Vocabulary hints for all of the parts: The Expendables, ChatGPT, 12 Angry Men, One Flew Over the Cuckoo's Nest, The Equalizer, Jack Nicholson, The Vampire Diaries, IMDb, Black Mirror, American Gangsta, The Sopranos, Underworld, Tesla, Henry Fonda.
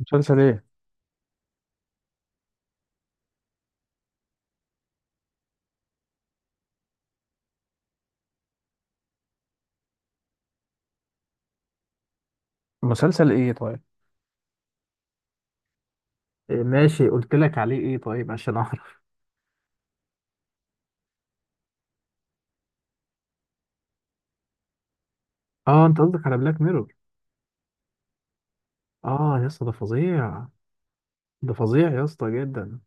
مسلسل ايه؟ مسلسل ايه طيب؟ إيه؟ ماشي، قلت لك عليه ايه طيب عشان اعرف. اه، انت قصدك على بلاك ميرور. اه يا اسطى، ده فظيع. ده فظيع يا اسطى جدا.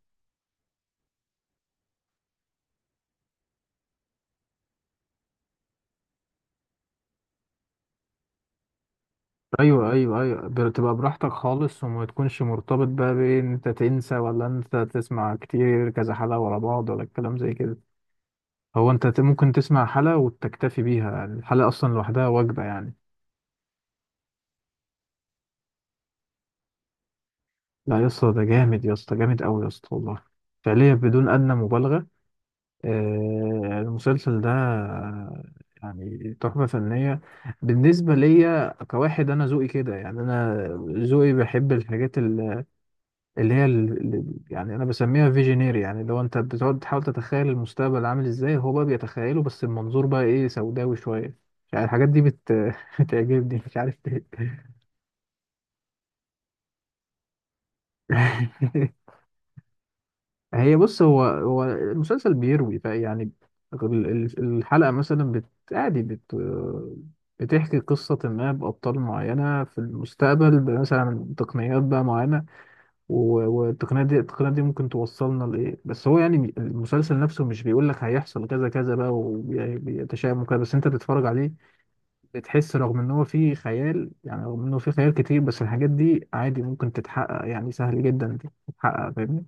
ايوه، ايوه، ايوه، بتبقى براحتك خالص وما تكونش مرتبط بقى بان انت تنسى، ولا انت تسمع كتير كذا حلقة ورا بعض، ولا الكلام زي كده. هو انت ممكن تسمع حلقة وتكتفي بيها، يعني الحلقة اصلا لوحدها وجبة يعني. لا يا اسطى، ده جامد يا اسطى، جامد قوي يا اسطى، والله. فعليا بدون ادنى مبالغة المسلسل ده يعني تحفة فنية. بالنسبة ليا كواحد، أنا ذوقي كده، يعني أنا ذوقي بحب الحاجات اللي هي اللي يعني أنا بسميها فيجينير. يعني لو أنت بتقعد تحاول تتخيل المستقبل عامل إزاي، هو بقى بيتخيله، بس المنظور بقى إيه؟ سوداوي شوية. يعني الحاجات دي بتعجبني، مش عارف ليه. هي بص، هو هو المسلسل بيروي فيعني الحلقة مثلا بت عادي بت بتحكي قصة ما بأبطال معينة في المستقبل، مثلا تقنيات بقى معينة، والتقنيات دي التقنيات دي ممكن توصلنا لإيه. بس هو يعني المسلسل نفسه مش بيقول لك هيحصل كذا كذا بقى وبيتشائم وكده، بس أنت بتتفرج عليه بتحس رغم إن هو فيه خيال، يعني رغم إنه فيه خيال كتير، بس الحاجات دي عادي ممكن تتحقق، يعني سهل جدا تتحقق، فاهمني؟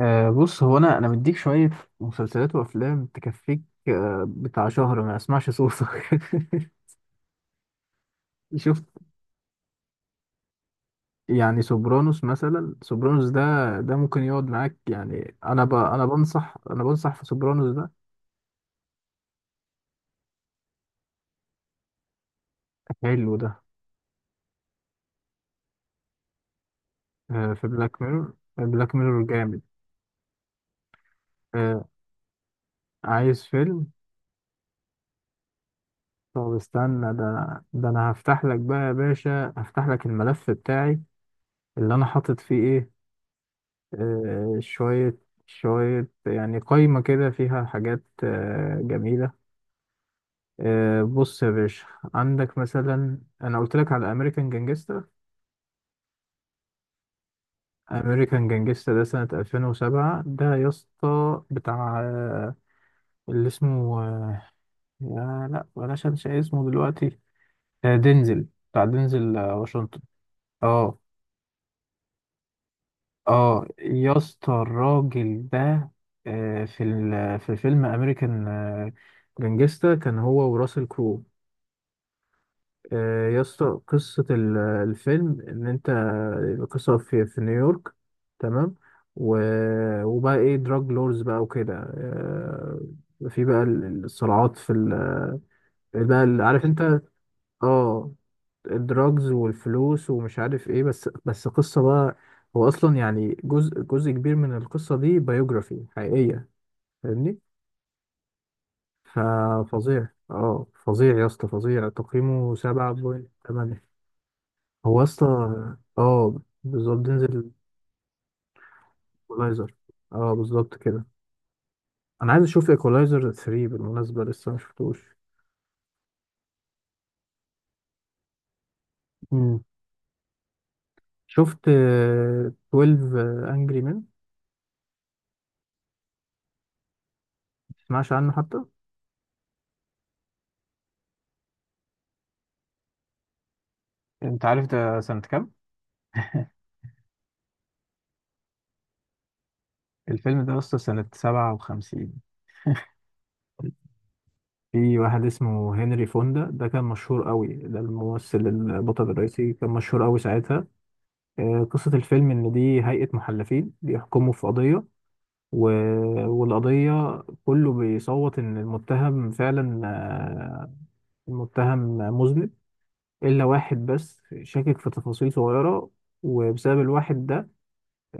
أه بص، هو انا مديك شويه مسلسلات وافلام تكفيك. أه، بتاع شهر ما اسمعش صوتك. شفت؟ يعني سوبرانوس مثلا، سوبرانوس ده ده ممكن يقعد معاك. يعني انا ب... انا بنصح انا بنصح في سوبرانوس ده. حلو ده. أه، في بلاك ميرور. بلاك ميرور جامد. أه، عايز فيلم؟ طب استنى ده، ده انا هفتح لك بقى يا باشا، هفتح لك الملف بتاعي اللي انا حاطط فيه ايه. شوية شوية، يعني قايمة كده فيها حاجات جميلة. بص يا باشا، عندك مثلا، أنا قلت لك على أمريكان جانجستا. أمريكان جانجستا ده سنة 2007. ده يا اسطى بتاع اللي اسمه يا لا بلاش، أنسى اسمه دلوقتي. دينزل، بتاع دينزل واشنطن. اه. اه يا اسطى، الراجل ده في في فيلم أمريكان جانجستا كان هو وراسل كرو. يا اسطى، قصة الفيلم إن أنت، القصة في نيويورك، تمام؟ و... وبقى إيه، دراج لورز بقى وكده، في بقى الصراعات في ال... بقى عارف أنت، آه الدراجز والفلوس ومش عارف إيه. بس قصة بقى، هو أصلا يعني جزء كبير من القصة دي بايوجرافي حقيقية، فاهمني؟ ففظيع فظيع يا اسطى، فظيع. تقييمه سبعة بوينت تمانية. هو اصلا اه بالظبط، تنزل. ايكولايزر. اه بالظبط كده. انا عايز اشوف ايكولايزر 3 بالمناسبه، لسه ما شفتوش. امم شفت 12 انجري مان؟ تسمعش عنه حتى؟ انت عارف ده سنة كام؟ الفيلم ده اصلا سنه 57. في واحد اسمه هنري فوندا، ده كان مشهور قوي، ده الممثل البطل الرئيسي، كان مشهور قوي ساعتها. قصه الفيلم ان دي هيئه محلفين بيحكموا في قضيه، و... والقضية كله بيصوت إن المتهم فعلا المتهم مذنب، إلا واحد بس شاكك في تفاصيل صغيرة. وبسبب الواحد ده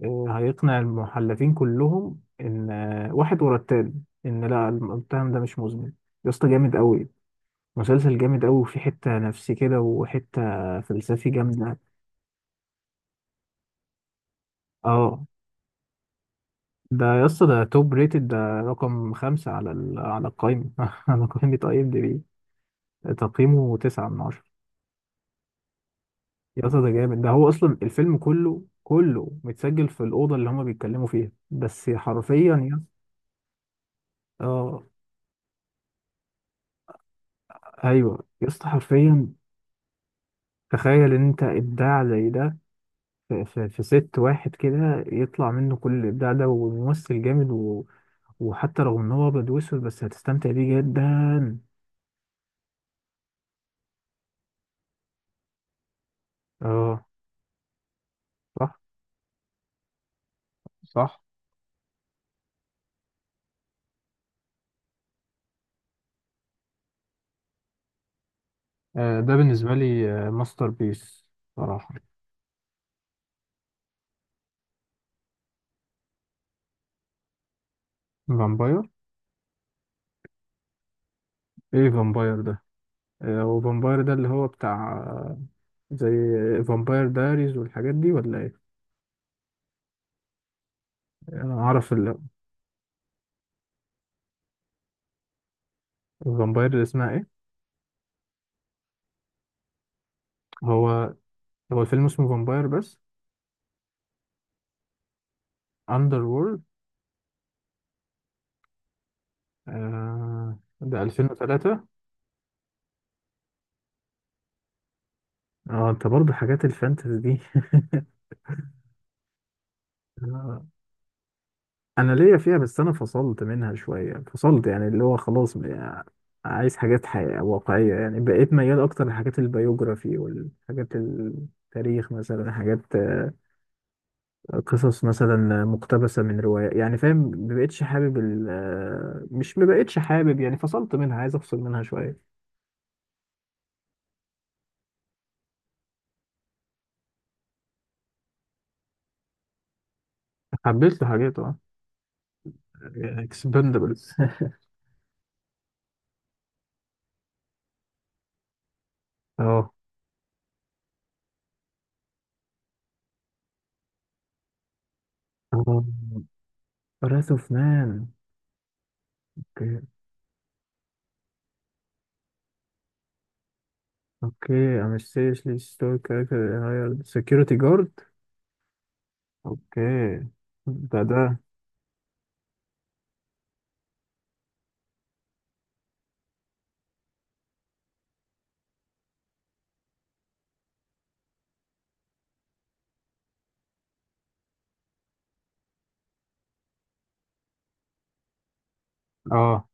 هيقنع المحلفين كلهم إن واحد ورا التاني إن لا، المتهم ده مش مذنب. يا اسطى جامد أوي. مسلسل جامد أوي، وفي حتة نفسي كده، وحتة فلسفي جامدة. اه ده يا اسطى، ده توب ريتد. ده رقم خمسة على ال... على القايمة. على قائمة اي ام دي بي تقييمه تسعة من عشرة. يا اسطى ده جامد. ده هو اصلا الفيلم كله، كله متسجل في الاوضه اللي هما بيتكلموا فيها بس، حرفيا. يا اسطى، اه ايوه يا اسطى، حرفيا. تخيل ان انت ابداع زي ده في ست واحد كده يطلع منه كل الابداع ده، وممثل جامد و... وحتى رغم ان هو ابيض واسود، بس هتستمتع بيه جدا. اه، صح صح. ده بالنسبه لي ماستر بيس صراحه. فامباير؟ ايه فامباير ده؟ وفامباير ده اللي هو بتاع زي فامباير دايريز والحاجات دي، ولا ايه؟ انا اعرف الفامباير اللي اسمها ايه؟ هو هو الفيلم اسمه فامباير بس؟ اندر وورلد. آه، ده 2003. اه، انت برضه حاجات الفانتازي دي. آه، انا ليا فيها، بس انا فصلت منها شويه، فصلت، يعني اللي هو خلاص بقى، عايز حاجات حقيقة واقعيه، يعني بقيت ميال اكتر لحاجات البيوجرافي والحاجات التاريخ، مثلا حاجات قصص مثلا مقتبسة من رواية، يعني فاهم؟ مبقتش حابب ال آه، مش مبقتش حابب، يعني فصلت منها، عايز افصل منها شوية. حبيت له حاجات، اه، اكسبندبلز. اه. براث اوف مان. اوكي. اوكي، I'm a seriously stoic character that hired security guard. اوكي. ده ده اه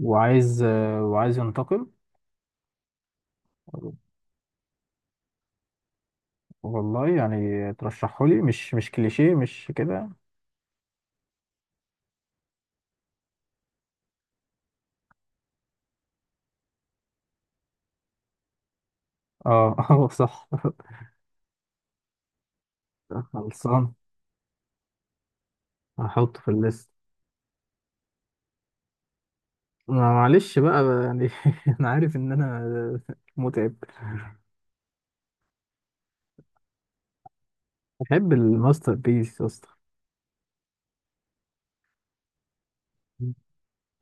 وعايز وعايز ينتقم. والله يعني ترشحه لي؟ مش مش كليشيه مش كده؟ اه. اه صح. خلصان. هحطه في الليست. معلش بقى يعني، انا عارف ان انا متعب. بحب الماستر بيس يا اسطى.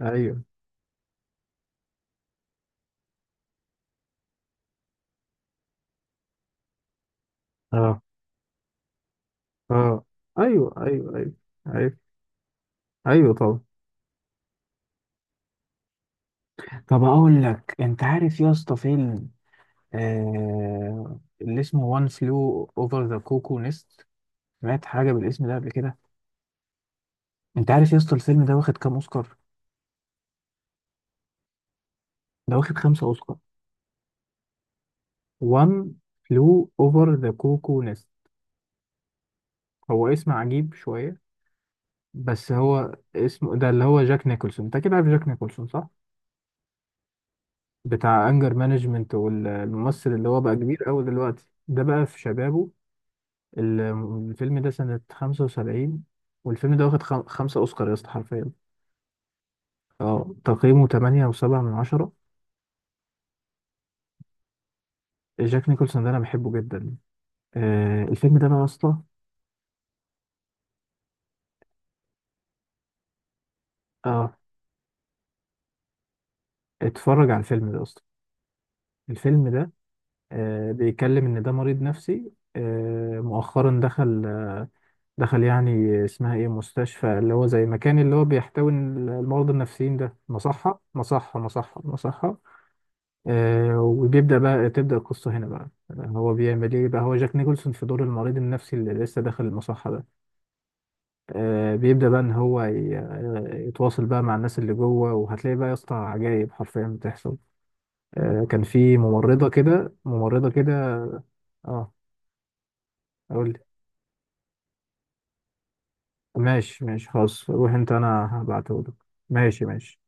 ايوه. اه، اه، ايوه، ايوه، ايوه. ايوه، ايوه، طبعا. طب اقول لك، انت عارف يا اسطى فيلم اللي اسمه وان فلو اوفر ذا كوكو نست؟ سمعت حاجه بالاسم ده قبل كده؟ انت عارف يا اسطى الفيلم ده واخد كام اوسكار؟ ده واخد خمسة اوسكار. وان فلو اوفر ذا كوكو نست، هو اسم عجيب شويه، بس هو اسمه ده. اللي هو جاك نيكولسون، انت كده عارف جاك نيكولسون صح؟ بتاع انجر مانجمنت، والممثل اللي هو بقى كبير قوي دلوقتي، ده بقى في شبابه. ال- الفيلم ده سنة 75، والفيلم ده واخد خمسة اوسكار يا اسطى، حرفيا. اه تقييمه 8 و7 من 10. جاك نيكولسون ده انا بحبه جدا. آه الفيلم ده بقى يا اسطى. اه. اتفرج على الفيلم ده يا اسطى. الفيلم ده بيتكلم ان ده مريض نفسي، مؤخرا دخل، دخل يعني، اسمها ايه، مستشفى، اللي هو زي مكان اللي هو بيحتوي المرضى النفسيين ده، مصحة مصحة. وبيبدأ بقى، تبدأ القصة هنا بقى. هو بيعمل ايه بقى؟ هو جاك نيكولسون في دور المريض النفسي اللي لسه داخل المصحة ده. بيبدأ بقى ان هو يتواصل بقى مع الناس اللي جوه، وهتلاقي بقى يا اسطى عجايب حرفيا بتحصل. كان في ممرضة كده، ممرضة كده. اه، اقول لي. ماشي ماشي خلاص، روح انت، انا هبعته لك. ماشي ماشي.